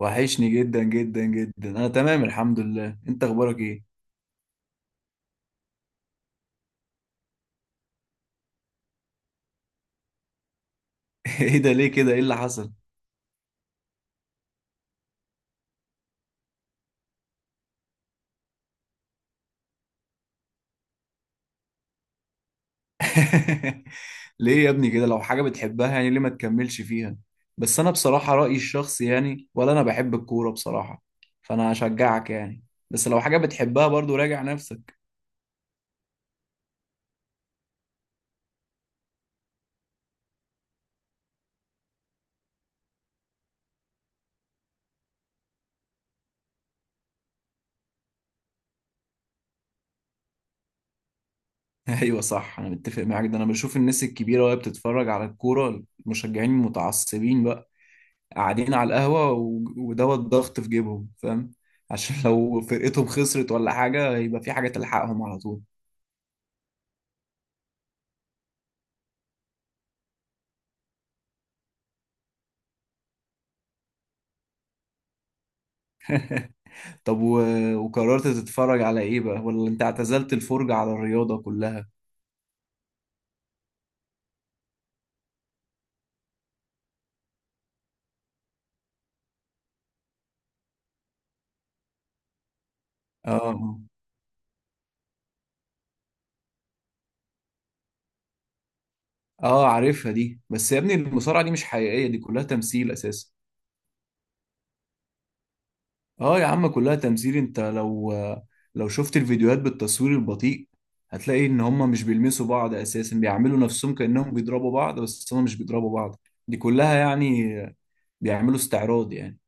وحشني جدا جدا جدا. انا تمام الحمد لله. انت اخبارك ايه؟ ايه ده؟ ليه كده؟ ايه اللي حصل؟ ليه يا ابني كده؟ لو حاجة بتحبها يعني ليه ما تكملش فيها؟ بس انا بصراحة رأيي الشخصي، يعني ولا انا بحب الكورة بصراحة، فانا هشجعك يعني. بس لو حاجة بتحبها برضو راجع نفسك. ايوه صح، انا متفق معاك. ده انا بشوف الناس الكبيرة وهي بتتفرج على الكورة، المشجعين المتعصبين بقى قاعدين على القهوة ودوت ضغط في جيبهم، فاهم؟ عشان لو فرقتهم خسرت ولا حاجة يبقى في حاجة تلحقهم على طول. طب، وقررت تتفرج على ايه بقى، ولا انت اعتزلت الفرجة على الرياضة كلها؟ اه، اه عارفها دي، بس يا ابني المصارعة دي مش حقيقية، دي كلها تمثيل اساسا. اه يا عم كلها تمثيل. انت لو شفت الفيديوهات بالتصوير البطيء هتلاقي ان هما مش بيلمسوا بعض اساسا، بيعملوا نفسهم كأنهم بيضربوا بعض بس هما مش بيضربوا بعض. دي كلها يعني بيعملوا استعراض يعني.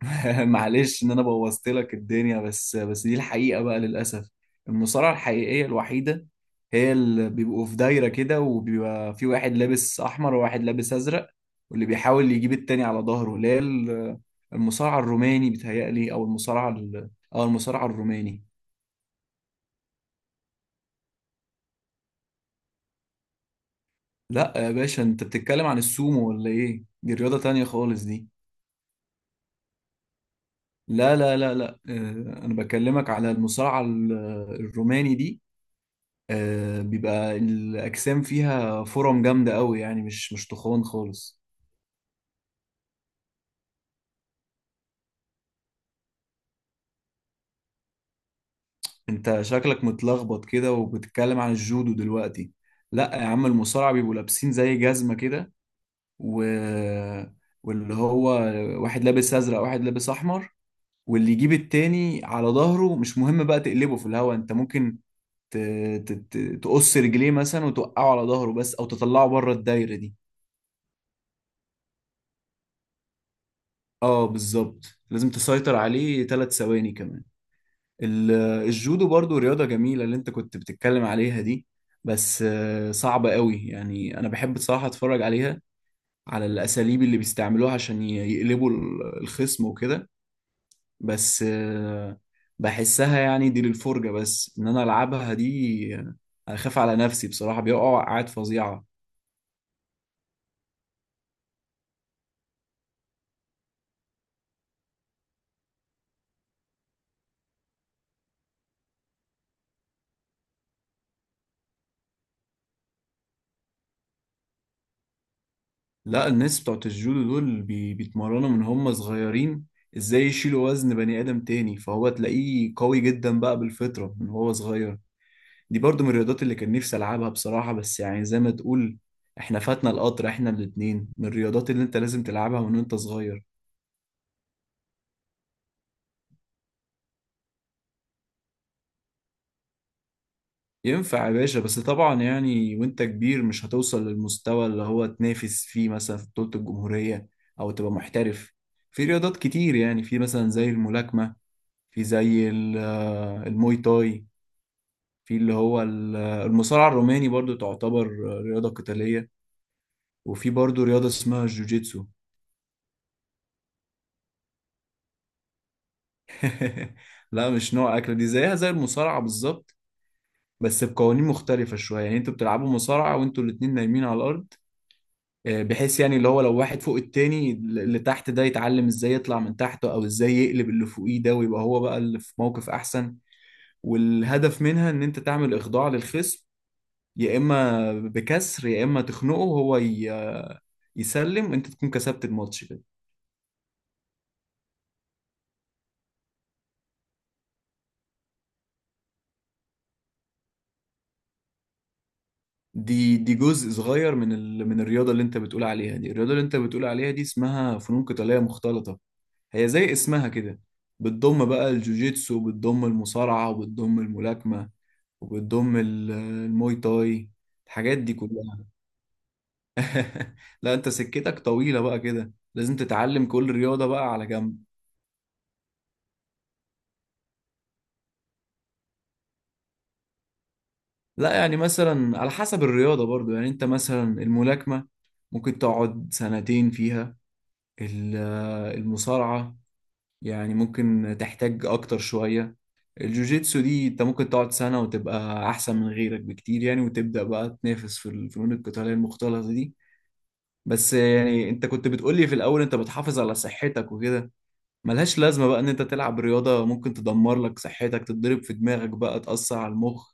معلش ان انا بوظت لك الدنيا بس، بس دي الحقيقة بقى للأسف. المصارعة الحقيقية الوحيدة هي اللي بيبقوا في دايرة كده، وبيبقى في واحد لابس أحمر وواحد لابس أزرق، واللي بيحاول يجيب التاني على ظهره، اللي هي المصارعة الروماني بيتهيألي، أو المصارعة أو المصارعة الروماني. لا يا باشا، أنت بتتكلم عن السومو ولا إيه؟ دي رياضة تانية خالص دي. لا لا لا لا، أنا بكلمك على المصارعة الروماني دي. بيبقى الأجسام فيها فرم جامدة قوي، يعني مش تخون خالص. انت شكلك متلخبط كده وبتتكلم عن الجودو دلوقتي. لا يا عم، المصارعة بيبقوا لابسين زي جزمة كده، و... واللي هو واحد لابس أزرق واحد لابس أحمر، واللي يجيب التاني على ظهره مش مهم بقى، تقلبه في الهوا، انت ممكن ت... ت... ت... تقص رجليه مثلا وتوقعه على ظهره بس، او تطلعه بره الدايرة دي. اه بالظبط. لازم تسيطر عليه ثلاث ثواني كمان. ال- الجودو برضو رياضة جميلة، اللي انت كنت بتتكلم عليها دي، بس صعبة قوي. يعني انا بحب بصراحة اتفرج عليها، على الاساليب اللي بيستعملوها عشان يقلبوا الخصم وكده. بس بحسها يعني دي للفرجة بس. ان انا العبها دي اخاف على نفسي بصراحة، بيقعوا وقعات فظيعة. لا، الناس بتوعت الجودو دول بيتمرنوا من هم صغيرين ازاي يشيلوا وزن بني ادم تاني، فهو تلاقيه قوي جدا بقى بالفطرة من هو صغير. دي برضو من الرياضات اللي كان نفسي العبها بصراحة، بس يعني زي ما تقول احنا فاتنا القطر، احنا الاتنين من الرياضات اللي انت لازم تلعبها من وانت صغير. ينفع يا باشا، بس طبعا يعني وانت كبير مش هتوصل للمستوى اللي هو تنافس فيه مثلا في بطولة الجمهورية، او تبقى محترف. في رياضات كتير يعني، في مثلا زي الملاكمة، في زي الموي تاي، في اللي هو المصارعة الروماني برضو تعتبر رياضة قتالية، وفي برضو رياضة اسمها الجوجيتسو. لا مش نوع أكلة، دي زيها زي المصارعة بالظبط، بس بقوانين مختلفة شوية. يعني انتوا بتلعبوا مصارعة وانتوا الاتنين نايمين على الأرض، بحيث يعني اللي هو لو واحد فوق التاني، اللي تحت ده يتعلم ازاي يطلع من تحته او ازاي يقلب اللي فوقيه ده ويبقى هو بقى اللي في موقف أحسن. والهدف منها ان انت تعمل إخضاع للخصم، يا إما بكسر، يا إما تخنقه هو يسلم، انت تكون كسبت الماتش كده. دي جزء صغير من الرياضة اللي انت بتقول عليها دي. الرياضة اللي انت بتقول عليها دي اسمها فنون قتالية مختلطة، هي زي اسمها كده، بتضم بقى الجوجيتسو وبتضم المصارعة وبتضم الملاكمة وبتضم الموي تاي، الحاجات دي كلها. لا انت سكتك طويلة بقى كده، لازم تتعلم كل رياضة بقى على جنب. لا يعني مثلا على حسب الرياضة برضو. يعني انت مثلا الملاكمة ممكن تقعد سنتين فيها. ال- المصارعة يعني ممكن تحتاج اكتر شوية. الجوجيتسو دي انت ممكن تقعد سنة وتبقى احسن من غيرك بكتير يعني، وتبدأ بقى تنافس في الفنون القتالية المختلطة دي. بس يعني انت كنت بتقول لي في الاول انت بتحافظ على صحتك وكده، ملهاش لازمة بقى ان انت تلعب رياضة ممكن تدمر لك صحتك، تتضرب في دماغك بقى تأثر على المخ،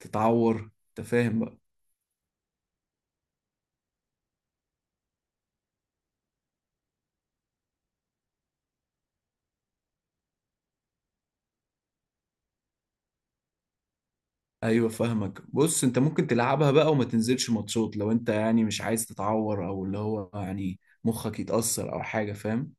تتعور، انت فاهم بقى؟ ايوه فاهمك. بص، انت ممكن تلعبها بقى وما تنزلش ماتشات لو انت يعني مش عايز تتعور، او اللي هو يعني مخك يتأثر او حاجة، فاهم؟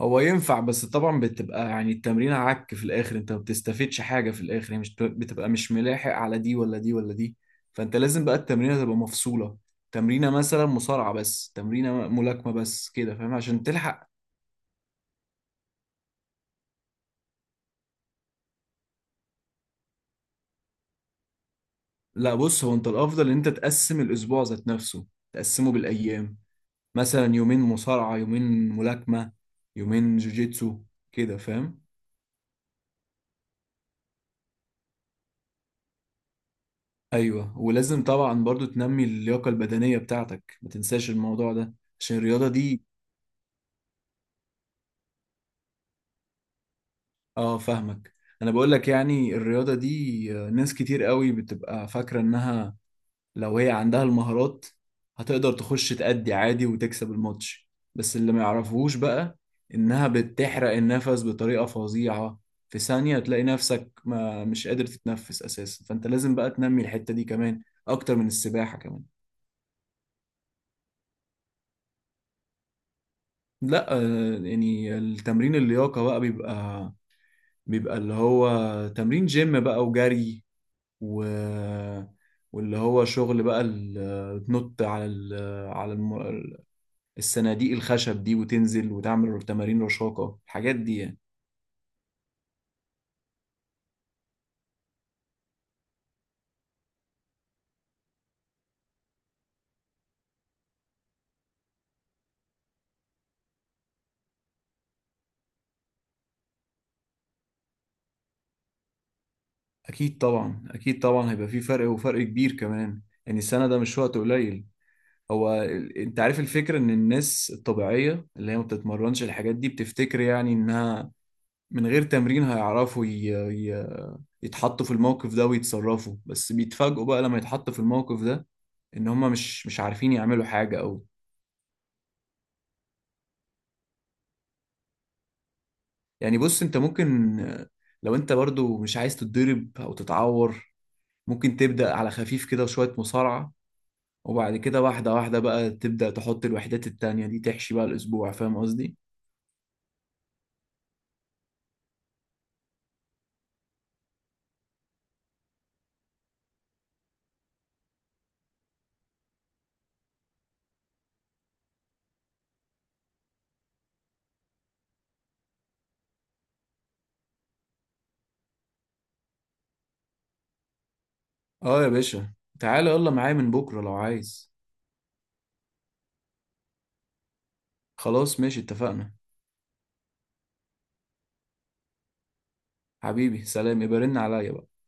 هو ينفع، بس طبعا بتبقى يعني التمرين عك في الاخر، انت ما بتستفدش حاجه في الاخر، يعني مش بتبقى مش ملاحق على دي ولا دي ولا دي. فانت لازم بقى التمرينه تبقى مفصوله، تمرينه مثلا مصارعه بس، تمرينه ملاكمه بس، كده فاهم؟ عشان تلحق. لا بص، هو انت الافضل ان انت تقسم الاسبوع ذات نفسه، تقسمه بالايام. مثلا يومين مصارعه، يومين ملاكمه، يومين جوجيتسو، كده فاهم؟ ايوه، ولازم طبعا برضو تنمي اللياقه البدنيه بتاعتك، ما تنساش الموضوع ده عشان الرياضة دي. اه فاهمك. انا بقول لك يعني الرياضة دي ناس كتير قوي بتبقى فاكرة انها لو هي عندها المهارات هتقدر تخش تأدي عادي وتكسب الماتش، بس اللي ما يعرفوش بقى انها بتحرق النفس بطريقة فظيعة. في ثانية تلاقي نفسك ما مش قادر تتنفس اساسا، فانت لازم بقى تنمي الحتة دي كمان اكتر من السباحة كمان. لا يعني التمرين اللياقة بقى بيبقى اللي هو تمرين جيم بقى، وجري، و... واللي هو شغل بقى تنط على على الم... الصناديق الخشب دي، وتنزل وتعمل تمارين رشاقة، الحاجات دي يعني. أكيد طبعا، أكيد طبعا هيبقى في فرق، وفرق كبير كمان. يعني السنة ده مش وقت قليل. هو انت عارف الفكرة ان الناس الطبيعية اللي هي ما بتتمرنش الحاجات دي بتفتكر يعني انها من غير تمرين هيعرفوا ي... يتحطوا في الموقف ده ويتصرفوا، بس بيتفاجئوا بقى لما يتحطوا في الموقف ده ان هم مش عارفين يعملوا حاجة او... يعني بص، انت ممكن لو انت برضو مش عايز تتضرب او تتعور، ممكن تبدأ على خفيف كده، شوية مصارعة، وبعد كده واحدة واحدة بقى تبدأ تحط الوحدات التانية دي، تحشي بقى الأسبوع، فاهم قصدي؟ اه يا باشا، تعالى يلا معايا من بكرة لو عايز. خلاص ماشي، اتفقنا. حبيبي سلام، يبقى رن عليا بقى.